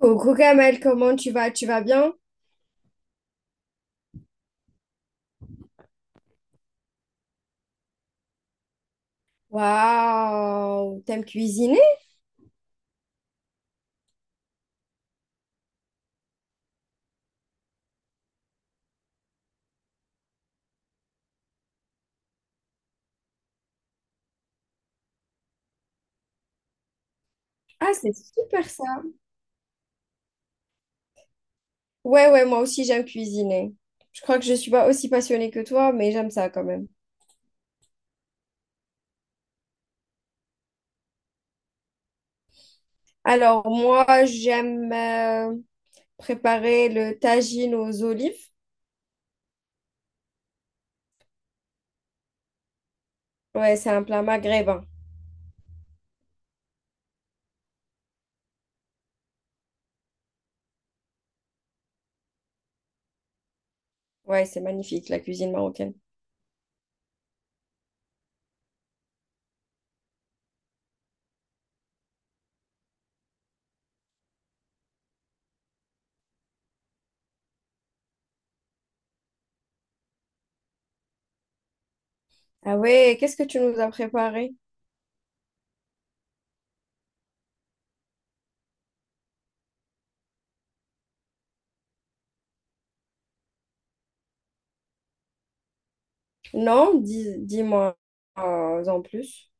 Coucou Kamel, comment tu vas? Tu vas bien? Waouh, t'aimes cuisiner? Ah, c'est super ça. Ouais, ouais, moi aussi j'aime cuisiner. Je crois que je suis pas aussi passionnée que toi, mais j'aime ça quand même. Alors moi, j'aime préparer le tagine aux olives. Ouais, c'est un plat maghrébin. Ouais, c'est magnifique, la cuisine marocaine. Ah ouais, qu'est-ce que tu nous as préparé? Non, dis, dis-moi en plus.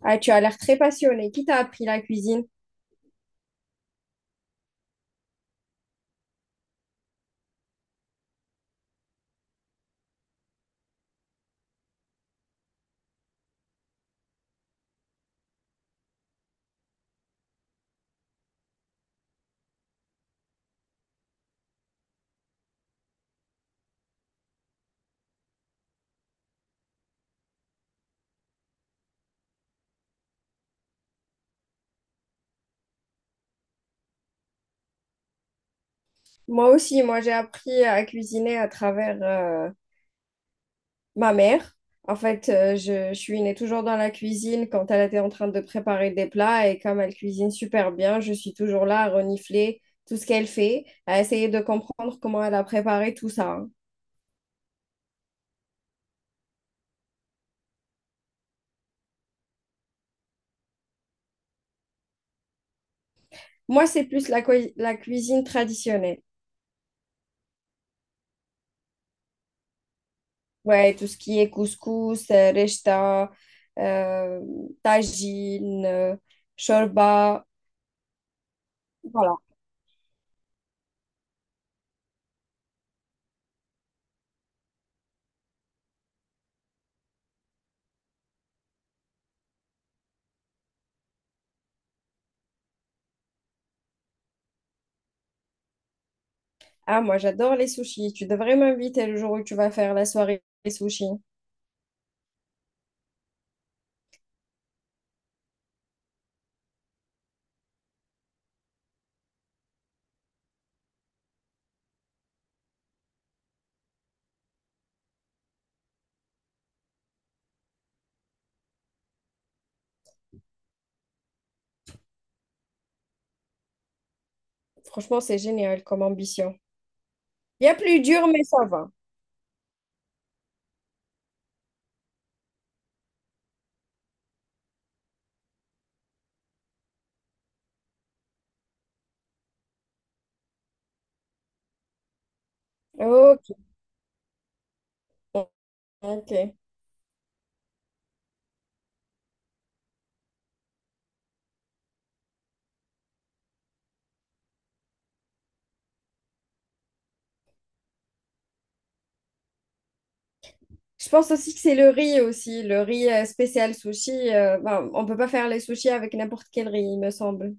Ah, tu as l'air très passionnée. Qui t'a appris la cuisine? Moi aussi, moi j'ai appris à cuisiner à travers ma mère. En fait, je suis née toujours dans la cuisine quand elle était en train de préparer des plats et comme elle cuisine super bien, je suis toujours là à renifler tout ce qu'elle fait, à essayer de comprendre comment elle a préparé tout ça, hein. Moi, c'est plus la cuisine traditionnelle. Ouais, tout ce qui est couscous, rechta, euh, tagine, shorba. Voilà. Ah, moi, j'adore les sushis. Tu devrais m'inviter le jour où tu vas faire la soirée des sushis. Franchement, c'est génial comme ambition. Il y a plus dur, mais ça va. Ok, ok. Je pense aussi que c'est le riz aussi. Le riz spécial sushi. Euh, ben, on peut pas faire les sushis avec n'importe quel riz, il me semble.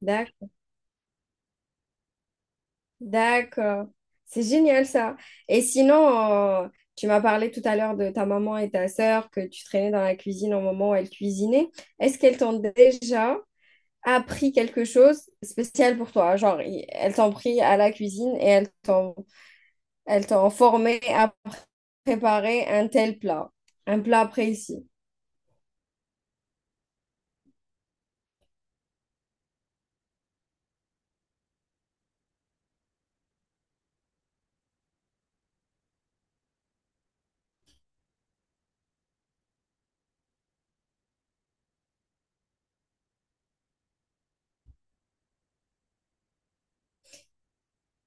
D'accord. D'accord. C'est génial ça. Et sinon, tu m'as parlé tout à l'heure de ta maman et ta sœur que tu traînais dans la cuisine au moment où elles cuisinaient. Est-ce qu'elles t'ont déjà appris quelque chose spécial pour toi? Genre, elles t'ont pris à la cuisine et elles t'ont formé à préparer un tel plat, un plat précis.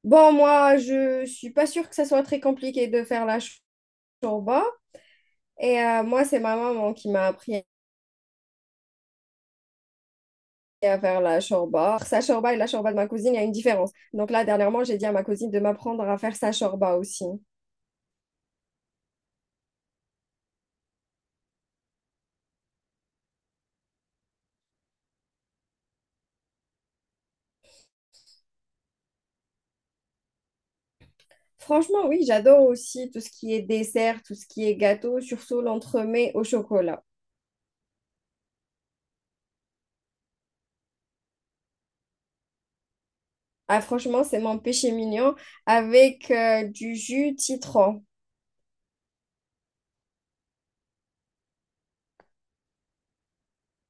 Bon, moi, je suis pas sûre que ça soit très compliqué de faire la chorba. Et moi, c'est ma maman qui m'a appris à faire la chorba. Sa chorba et la chorba de ma cousine, il y a une différence. Donc là, dernièrement, j'ai dit à ma cousine de m'apprendre à faire sa chorba aussi. Franchement, oui, j'adore aussi tout ce qui est dessert, tout ce qui est gâteau, surtout l'entremets au chocolat. Ah, franchement, c'est mon péché mignon avec du jus citron.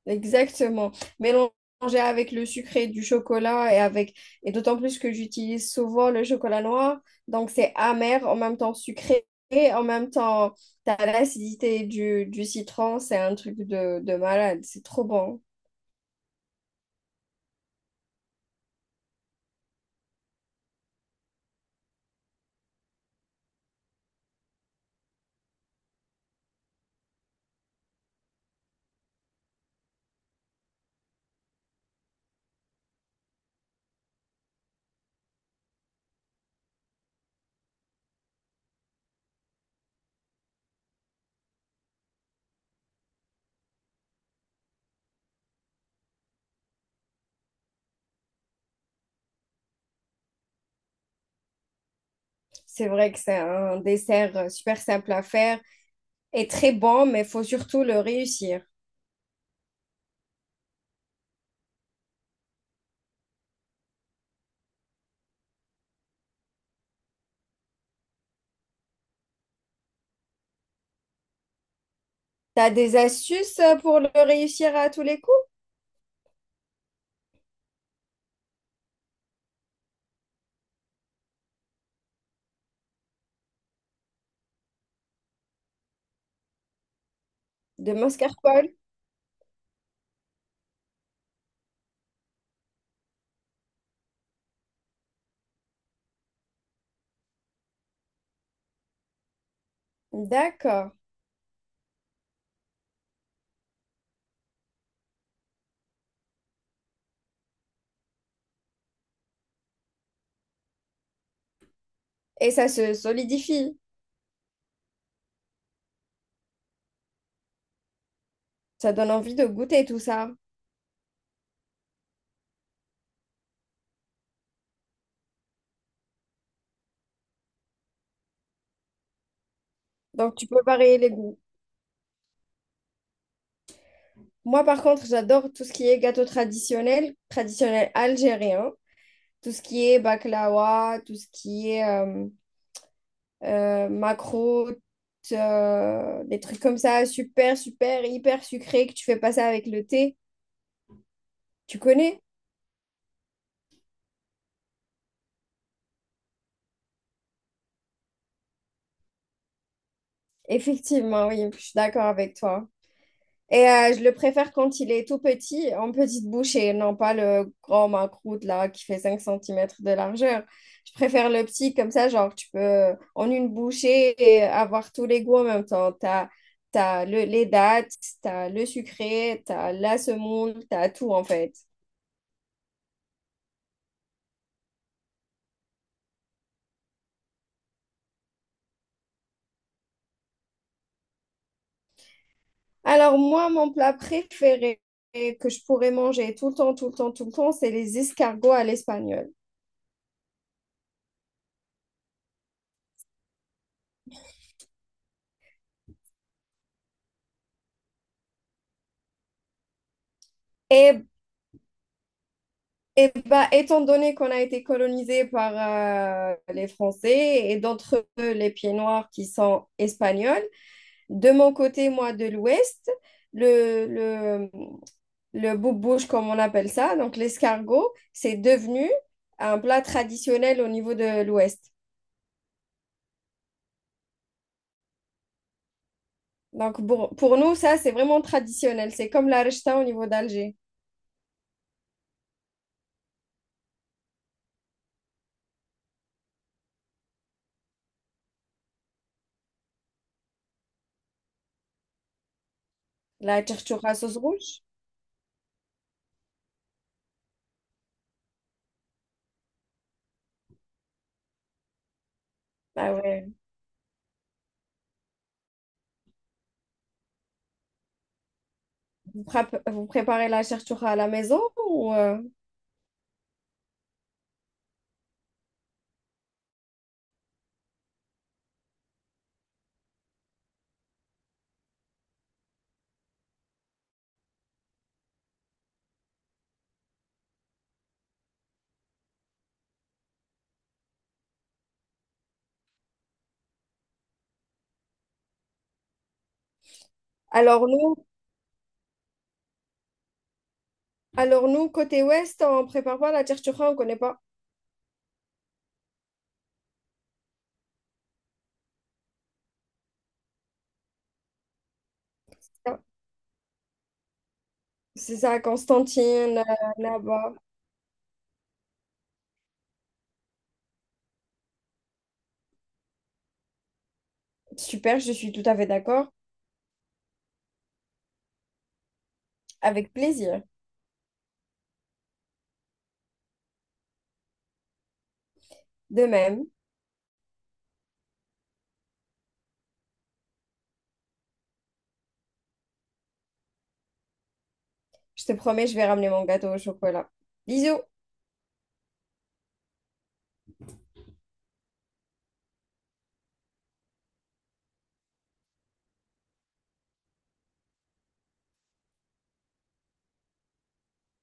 Exactement. Mélanger avec le sucré du chocolat et avec et d'autant plus que j'utilise souvent le chocolat noir, donc c'est amer en même temps sucré et en même temps t'as l'acidité du citron, c'est un truc de malade, c'est trop bon. C'est vrai que c'est un dessert super simple à faire et très bon, mais faut surtout le réussir. T'as des astuces pour le réussir à tous les coups? De mascarpone? D'accord. Et ça se solidifie. Ça donne envie de goûter tout ça. Donc tu peux varier les goûts. Moi par contre, j'adore tout ce qui est gâteau traditionnel, traditionnel algérien, tout ce qui est baklawa, tout ce qui est macro, des trucs comme ça, super, super, hyper sucrés que tu fais passer avec le thé. Tu connais? Effectivement, oui, je suis d'accord avec toi. Et je le préfère quand il est tout petit, en petite bouche, et non pas le grand macroute là qui fait 5 centimètres de largeur. Je préfère le petit comme ça, genre tu peux en une bouchée et avoir tous les goûts en même temps. T'as les dattes, t'as le sucré, t'as la semoule, t'as tout en fait. Alors moi, mon plat préféré que je pourrais manger tout le temps, tout le temps, tout le temps, c'est les escargots à l'espagnol. Et, bah, étant donné qu'on a été colonisé par les Français et d'entre eux les pieds noirs qui sont espagnols, de mon côté, moi, de l'Ouest, le, le, le boubouche, comme on appelle ça, donc l'escargot, c'est devenu un plat traditionnel au niveau de l'Ouest. Donc pour nous, ça, c'est vraiment traditionnel. C'est comme la rechta au niveau d'Alger. La chertura sauce rouge? Ah ouais. Vous préparez la chertura à la maison ou Alors nous, alors nous, côté ouest, on prépare pas la chertura, on connaît pas. Ah, c'est ça, à Constantine, là-bas. Super, je suis tout à fait d'accord. Avec plaisir. De même, je te promets, je vais ramener mon gâteau au chocolat. Bisous!